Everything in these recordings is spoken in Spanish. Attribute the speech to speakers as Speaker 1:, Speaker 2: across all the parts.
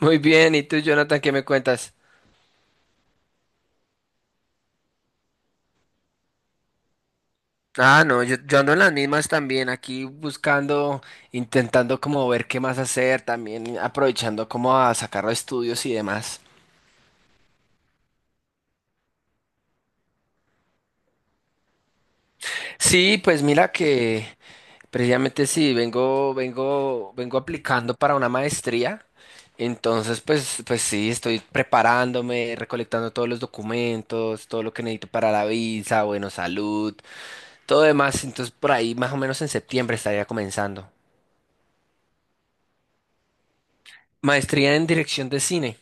Speaker 1: Muy bien, ¿y tú, Jonathan, qué me cuentas? Ah, no, yo ando en las mismas también, aquí buscando, intentando como ver qué más hacer, también aprovechando como a sacar los estudios y demás. Sí, pues mira que precisamente sí, vengo aplicando para una maestría. Entonces, pues sí, estoy preparándome, recolectando todos los documentos, todo lo que necesito para la visa, bueno, salud, todo demás. Entonces, por ahí más o menos en septiembre estaría comenzando. Maestría en dirección de cine.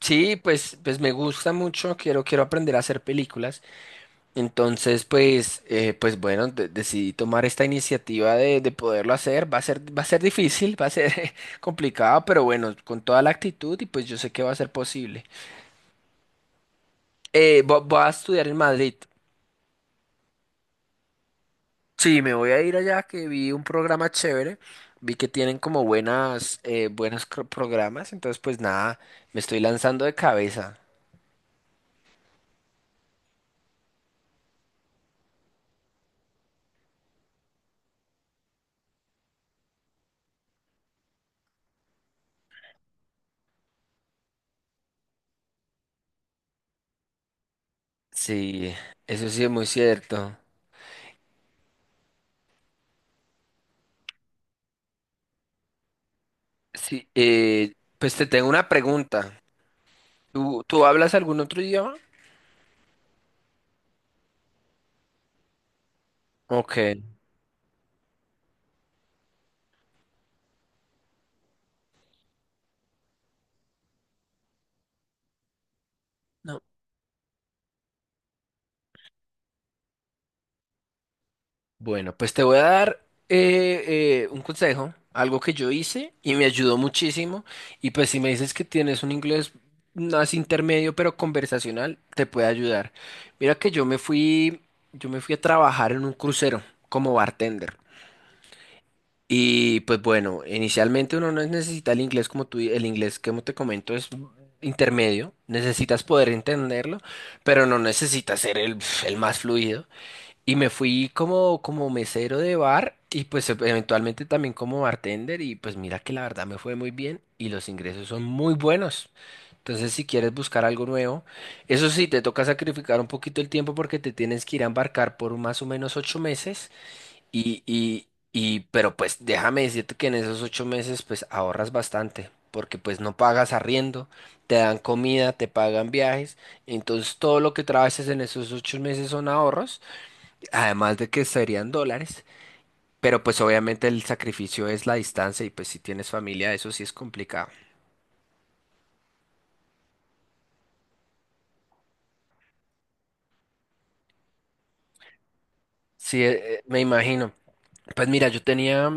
Speaker 1: Sí, pues, pues me gusta mucho, quiero aprender a hacer películas. Entonces, pues bueno, decidí tomar esta iniciativa de poderlo hacer. Va a ser difícil, va a ser complicado, pero bueno, con toda la actitud y pues yo sé que va a ser posible. Voy a estudiar en Madrid. Sí, me voy a ir allá que vi un programa chévere. Vi que tienen como buenos programas. Entonces, pues nada, me estoy lanzando de cabeza. Sí, eso sí es muy cierto. Sí, pues te tengo una pregunta. ¿Tú hablas algún otro idioma? Ok. No. Bueno, pues te voy a dar un consejo, algo que yo hice y me ayudó muchísimo. Y pues si me dices que tienes un inglés más intermedio pero conversacional, te puede ayudar. Mira que yo me fui a trabajar en un crucero como bartender. Y pues bueno, inicialmente uno no necesita el inglés como tú, el inglés que te comento es intermedio, necesitas poder entenderlo, pero no necesitas ser el más fluido. Y me fui como mesero de bar y pues eventualmente también como bartender y pues mira que la verdad me fue muy bien y los ingresos son muy buenos. Entonces si quieres buscar algo nuevo, eso sí, te toca sacrificar un poquito el tiempo porque te tienes que ir a embarcar por más o menos 8 meses. Pero pues déjame decirte que en esos 8 meses pues ahorras bastante, porque pues no pagas arriendo, te dan comida, te pagan viajes, entonces todo lo que trabajes en esos 8 meses son ahorros, además de que serían dólares, pero pues obviamente el sacrificio es la distancia y pues si tienes familia eso sí es complicado. Sí, me imagino. Pues mira, yo tenía,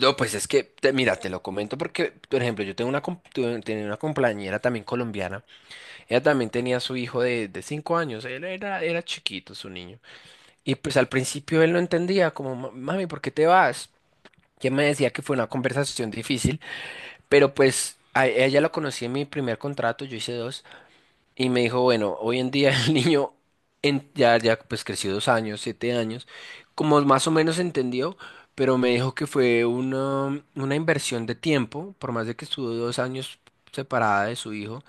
Speaker 1: no, pues es que, mira, te lo comento porque, por ejemplo, yo tengo tenía una compañera también colombiana. Ella también tenía su hijo de 5 años, él era chiquito su niño. Y pues al principio él no entendía, como, Mami, ¿por qué te vas?". Que me decía que fue una conversación difícil, pero pues a ella la conocí en mi primer contrato, yo hice dos, y me dijo, bueno, hoy en día el niño ya pues creció 2 años, 7 años, como más o menos entendió, pero me dijo que fue una inversión de tiempo, por más de que estuvo 2 años separada de su hijo,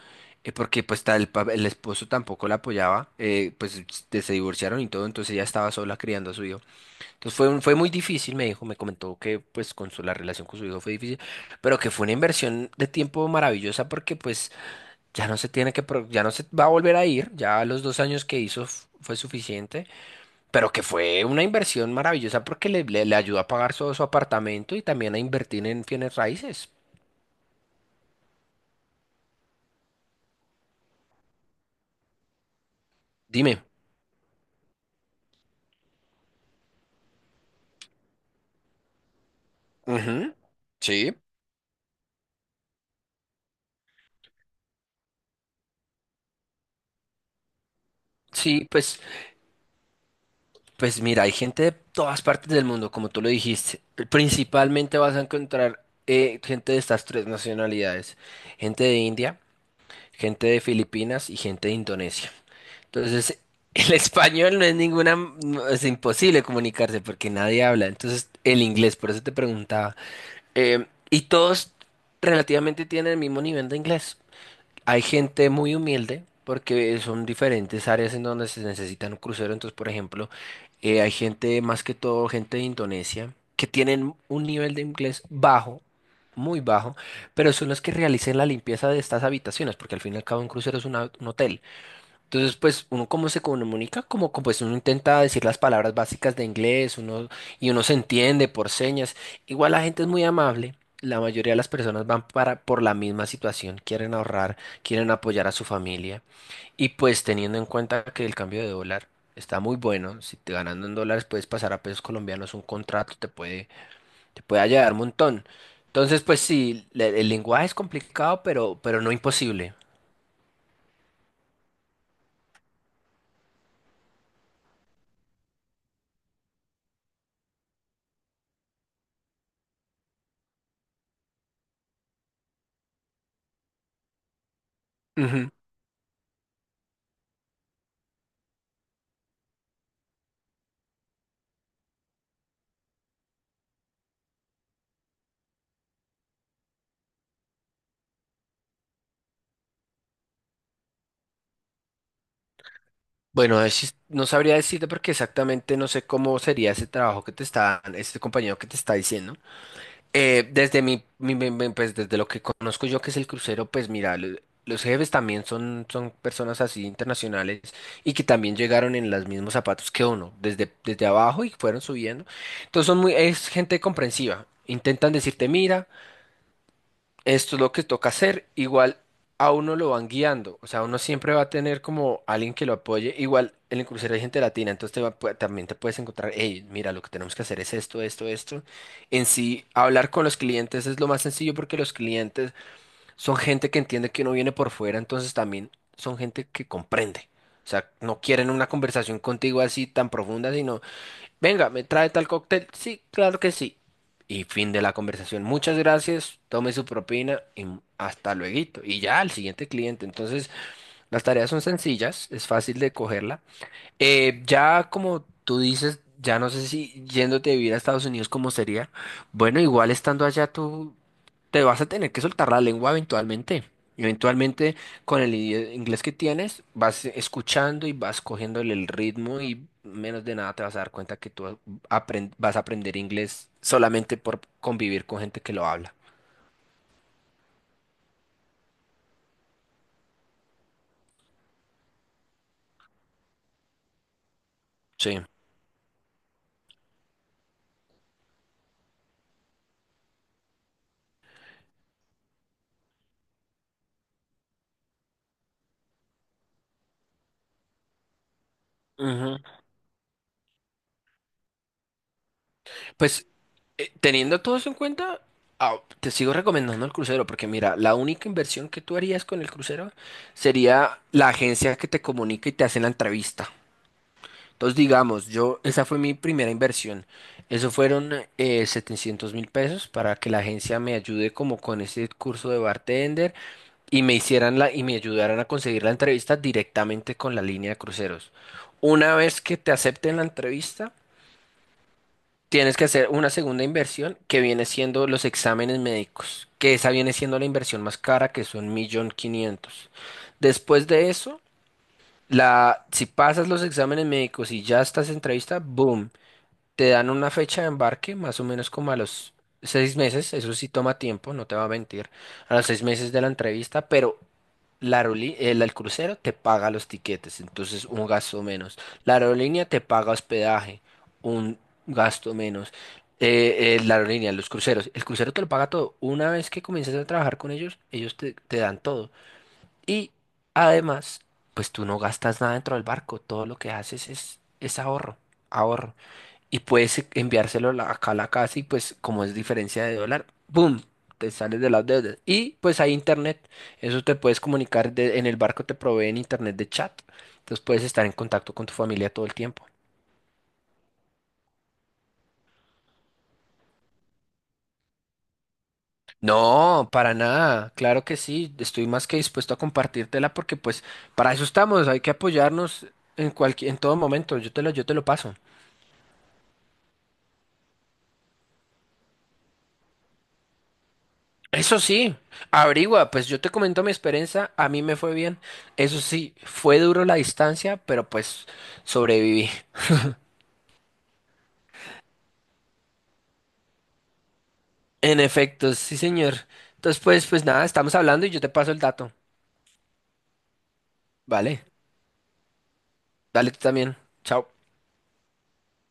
Speaker 1: porque pues el esposo tampoco la apoyaba, pues se divorciaron y todo, entonces ella estaba sola criando a su hijo. Entonces fue, fue muy difícil, me dijo, me comentó que pues con su, la relación con su hijo fue difícil, pero que fue una inversión de tiempo maravillosa porque pues ya no se tiene que ya no se va a volver a ir, ya los 2 años que hizo fue suficiente, pero que fue una inversión maravillosa porque le ayudó a pagar todo su apartamento y también a invertir en bienes raíces. Dime. Ujú. Sí. Sí, pues, pues mira, hay gente de todas partes del mundo, como tú lo dijiste. Principalmente vas a encontrar gente de estas tres nacionalidades, gente de India, gente de Filipinas y gente de Indonesia. Entonces, el español no es ninguna, no, es imposible comunicarse porque nadie habla. Entonces, el inglés, por eso te preguntaba. Y todos relativamente tienen el mismo nivel de inglés. Hay gente muy humilde porque son diferentes áreas en donde se necesitan un crucero. Entonces, por ejemplo, hay gente, más que todo, gente de Indonesia, que tienen un nivel de inglés bajo. Muy bajo, pero son los que realicen la limpieza de estas habitaciones, porque al fin y al cabo un crucero es un hotel. Entonces, pues uno cómo se comunica, como, pues uno intenta decir las palabras básicas de inglés, uno y uno se entiende por señas. Igual la gente es muy amable. La mayoría de las personas van para por la misma situación, quieren ahorrar, quieren apoyar a su familia y pues teniendo en cuenta que el cambio de dólar está muy bueno, si te ganando en dólares puedes pasar a pesos colombianos, un contrato te puede ayudar un montón. Entonces, pues sí, el lenguaje es complicado, pero no imposible. Bueno, ahí sí no sabría decirte porque exactamente no sé cómo sería ese trabajo que te está, este compañero que te está diciendo. Desde mi, mi- mi- mi- pues desde lo que conozco yo que es el crucero, pues mira, los jefes también son, personas así internacionales y que también llegaron en los mismos zapatos que uno, desde abajo y fueron subiendo. Entonces son muy, es gente comprensiva. Intentan decirte, mira. Esto es lo que toca hacer. Igual a uno lo van guiando. O sea, uno siempre va a tener como alguien que lo apoye. Igual en el crucero hay gente latina, entonces también te puedes encontrar, hey, mira, lo que tenemos que hacer es esto, esto, esto. En sí, hablar con los clientes es lo más sencillo porque los clientes son gente que entiende que uno viene por fuera, entonces también son gente que comprende. O sea, no quieren una conversación contigo así tan profunda, sino: Venga, me trae tal cóctel. Sí, claro que sí. Y fin de la conversación. Muchas gracias, tome su propina y hasta luego. Y ya al siguiente cliente. Entonces, las tareas son sencillas, es fácil de cogerla ya como tú dices, ya no sé si yéndote a vivir a Estados Unidos cómo sería. Bueno, igual estando allá tú te vas a tener que soltar la lengua eventualmente. Eventualmente con el inglés que tienes vas escuchando y vas cogiéndole el ritmo y menos de nada te vas a dar cuenta que tú vas a aprender inglés solamente por convivir con gente que lo habla. Sí. Pues teniendo todo eso en cuenta, te sigo recomendando el crucero, porque mira, la única inversión que tú harías con el crucero sería la agencia que te comunica y te hace la entrevista. Entonces, digamos, yo, esa fue mi primera inversión. Eso fueron 700 mil pesos para que la agencia me ayude como con ese curso de bartender y me hicieran la, y me ayudaran a conseguir la entrevista directamente con la línea de cruceros. Una vez que te acepten la entrevista, tienes que hacer una segunda inversión que viene siendo los exámenes médicos, que esa viene siendo la inversión más cara, que son 1.500.000. Después de eso, la, si pasas los exámenes médicos y ya estás en entrevista, boom, te dan una fecha de embarque, más o menos como a los 6 meses, eso sí toma tiempo, no te va a mentir, a los seis meses de la entrevista, pero el crucero te paga los tiquetes, entonces un gasto menos. La aerolínea te paga hospedaje, un gasto menos. La aerolínea, los cruceros, el crucero te lo paga todo. Una vez que comiences a trabajar con ellos, ellos te dan todo. Y además, pues tú no gastas nada dentro del barco, todo lo que haces es ahorro, ahorro y puedes enviárselo acá a la casa y pues como es diferencia de dólar, ¡boom! Te sales de las deudas. Y pues hay internet, eso te puedes comunicar, en el barco te proveen internet de chat, entonces puedes estar en contacto con tu familia todo el tiempo. No, para nada, claro que sí, estoy más que dispuesto a compartírtela porque pues para eso estamos, hay que apoyarnos en cualquier, en todo momento, yo te lo paso. Eso sí, averigua, pues yo te comento mi experiencia, a mí me fue bien. Eso sí, fue duro la distancia, pero pues sobreviví. En efecto, sí, señor. Entonces, pues nada, estamos hablando y yo te paso el dato. Vale, dale tú también. Chao.